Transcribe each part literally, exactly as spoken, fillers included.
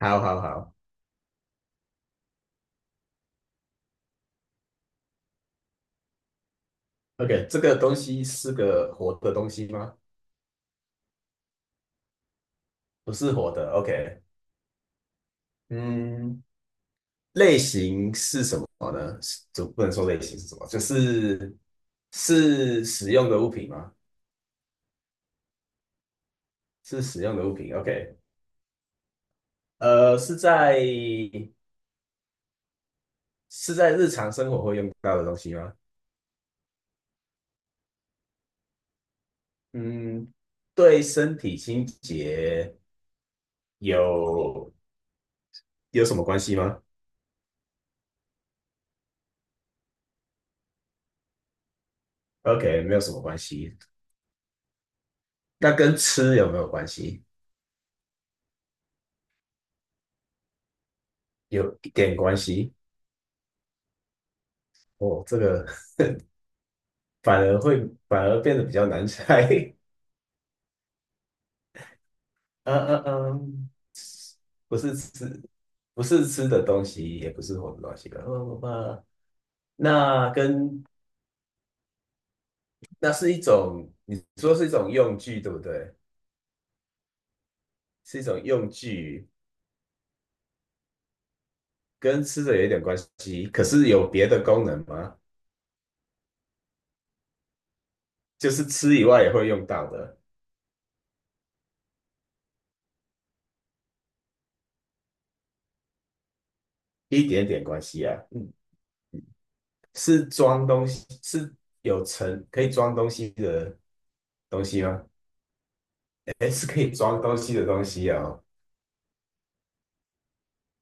好好好，OK，这个东西是个活的东西吗？不是活的，OK。嗯，类型是什么呢？是就不能说类型是什么，就是是使用的物品吗？是使用的物品，OK。呃，是在是在日常生活会用到的东西吗？嗯，对身体清洁有有什么关系吗？OK，没有什么关系。那跟吃有没有关系？有一点关系。哦，这个反而会反而变得比较难猜。嗯嗯嗯，不是吃，不是吃的东西，也不是活的东西吧。呃，那跟那是一种，你说是一种用具，对不对？是一种用具，跟吃的有一点关系，可是有别的功能吗？就是吃以外也会用到的，一点点关系啊。嗯，是装东西，是有盛，可以装东西的东西吗？哎，是可以装东西的东西哦。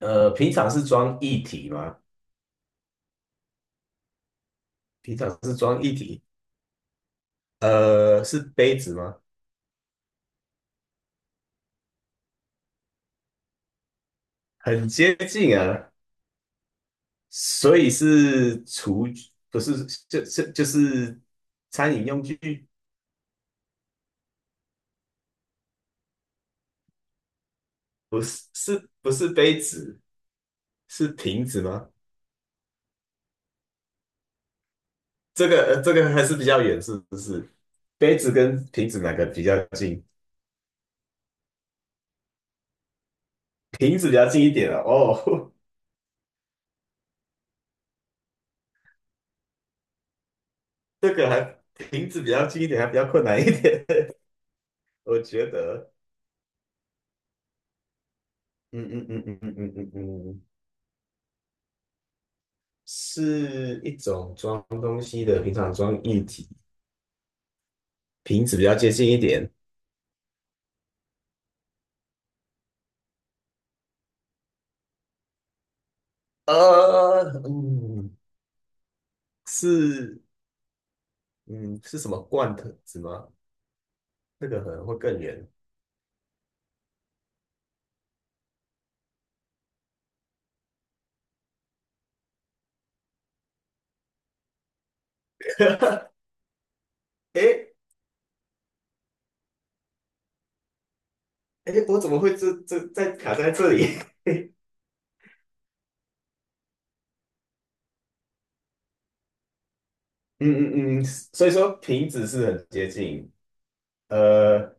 呃，平常是装液体吗？平常是装液体。呃，是杯子吗？很接近啊，所以是厨具，不是，就是就是餐饮用具，不是，是不是杯子？是瓶子吗？这个、呃这个还是比较远，是不是？杯子跟瓶子哪个比较近？瓶子比较近一点啊。哦，这个还瓶子比较近一点，还比较困难一点，我觉得。嗯嗯嗯嗯嗯嗯嗯嗯，是一种装东西的，平常装液体，瓶子比较接近一点。呃，嗯，是，嗯，是什么罐头子吗？那个可能会更远。诶诶，我怎么会这这在卡在这里？嗯嗯嗯，所以说瓶子是很接近，呃，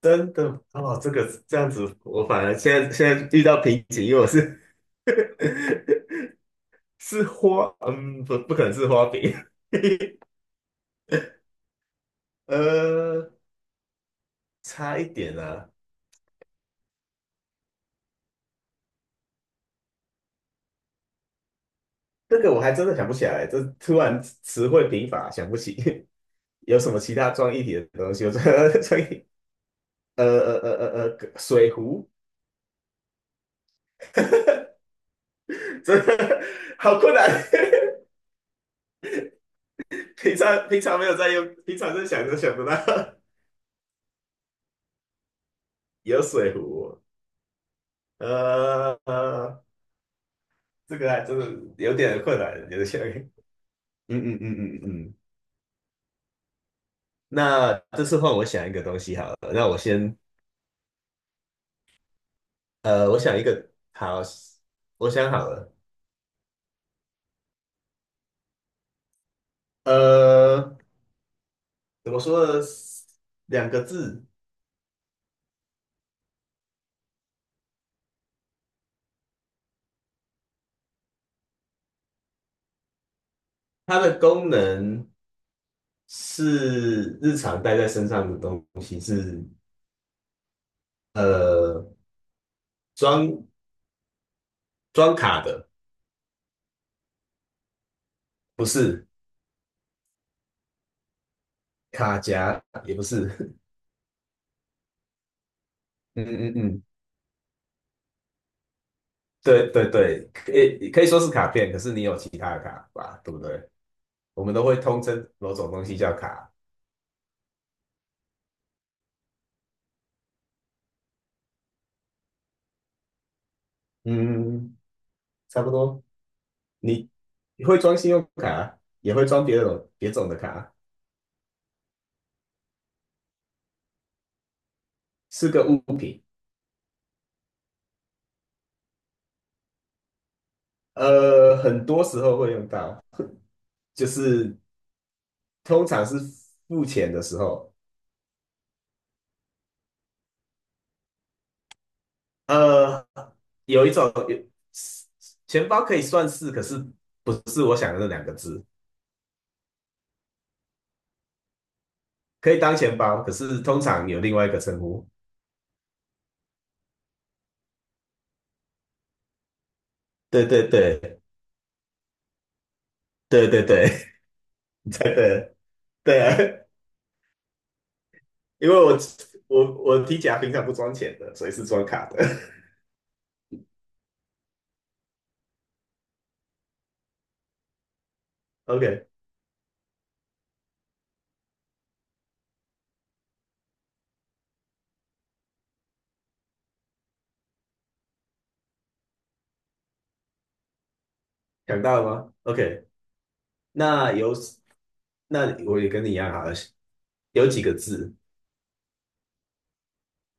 真的哦，这个这样子，我反而现在现在遇到瓶颈，因为我是 是花，嗯，不，不可能是花饼。呃，差一点啊，这个我还真的想不起来，这突然词汇贫乏，想不起 有什么其他装一体的东西。我真的 装一体 呃呃呃呃呃，水壶，真的好困难。平常平常没有在用，平常在想都想不到 有水壶。呃呃，这个还真的有点困难，有点像。嗯嗯嗯嗯嗯，那这次换我想一个东西好了。那我先，呃，我想一个，好，我想好了。呃，怎么说呢？两个字，它的功能是日常带在身上的东西，是呃装装卡的，不是卡夹，也不是。嗯嗯嗯，对对对，可以可以说是卡片，可是你有其他的卡吧，对不对？我们都会通称某种东西叫卡。嗯，差不多。你你会装信用卡啊，也会装别种别种的卡啊，是个物品。呃，很多时候会用到，就是通常是付钱的时候。呃，有一种有钱包可以算是，可是不是我想的那两个字，可以当钱包，可是通常有另外一个称呼。对对对对对对 对对对啊，因为我我我提夹平常不装钱的，所以是装卡的。OK。想到了吗？OK，那有那我也跟你一样啊，有几个字，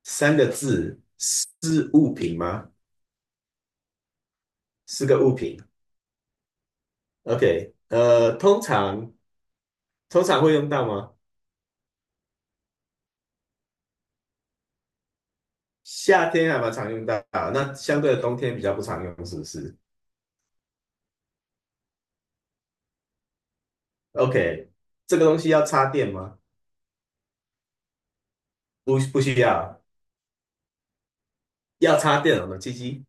三个字是物品吗？是个物品。OK，呃，通常通常会用到吗？夏天还蛮常用到，那相对的冬天比较不常用，是不是？OK，这个东西要插电吗？不，不需要。要插电哦，机机？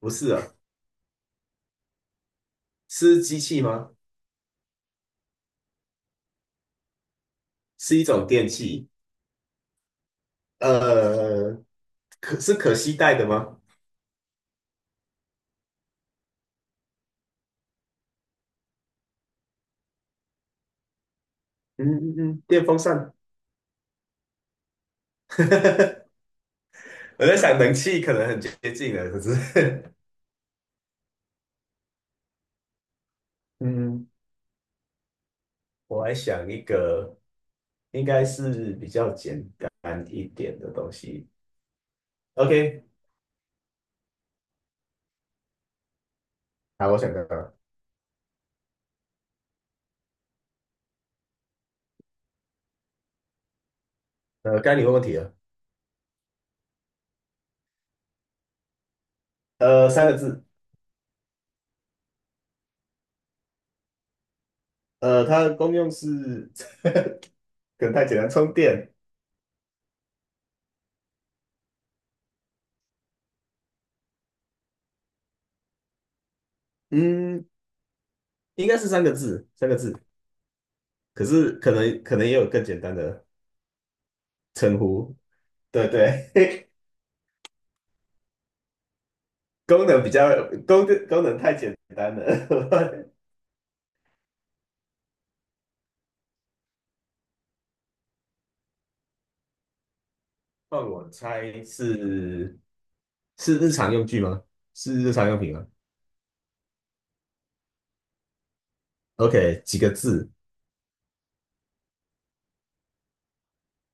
不是哦，是机器吗？是一种电器。呃，可是可携带的吗？嗯嗯嗯，电风扇。我在想能气可能很接近了，可是 嗯，我还想一个应该是比较简单一点的东西。OK，好，我想到了，呃，该你问问题了。呃，三个字，呃，它的功用是 可能太简单，充电。嗯，应该是三个字，三个字。可是可能可能也有更简单的称呼。对对，功能比较功能功能太简单了。换我猜是是日常用具吗？是日常用品吗？OK，几个字？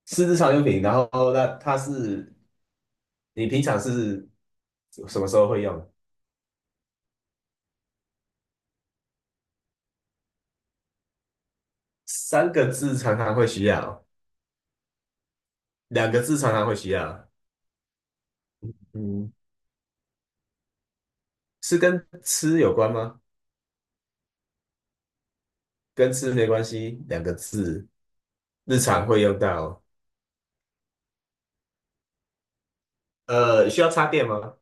是日常用品，然后那它是你平常是什么时候会用？三个字常常会需要，两个字常常会需要。嗯，是跟吃有关吗？跟吃没关系，两个字，日常会用到。呃，需要插电吗？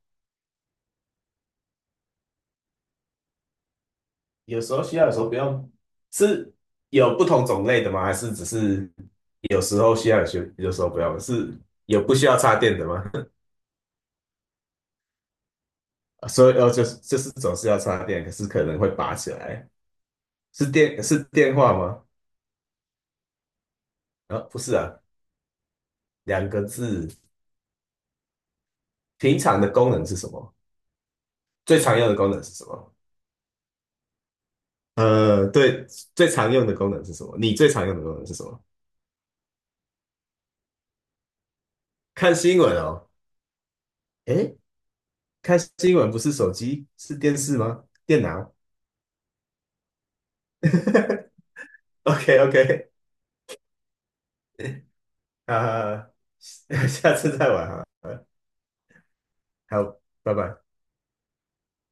有时候需要，有时候不用。是有不同种类的吗？还是只是有时候需要，有时有时候不用？是有不需要插电的吗？所以哦，就是就是总是要插电，可是可能会拔起来，是电是电话吗？啊，不是啊，两个字。平常的功能是什么？最常用的功能是什么？呃，对，最常用的功能是什么？你最常用的功能是什么？看新闻哦。诶，看新闻不是手机，是电视吗？电脑。OK OK，啊、下次再玩哈。好，拜拜。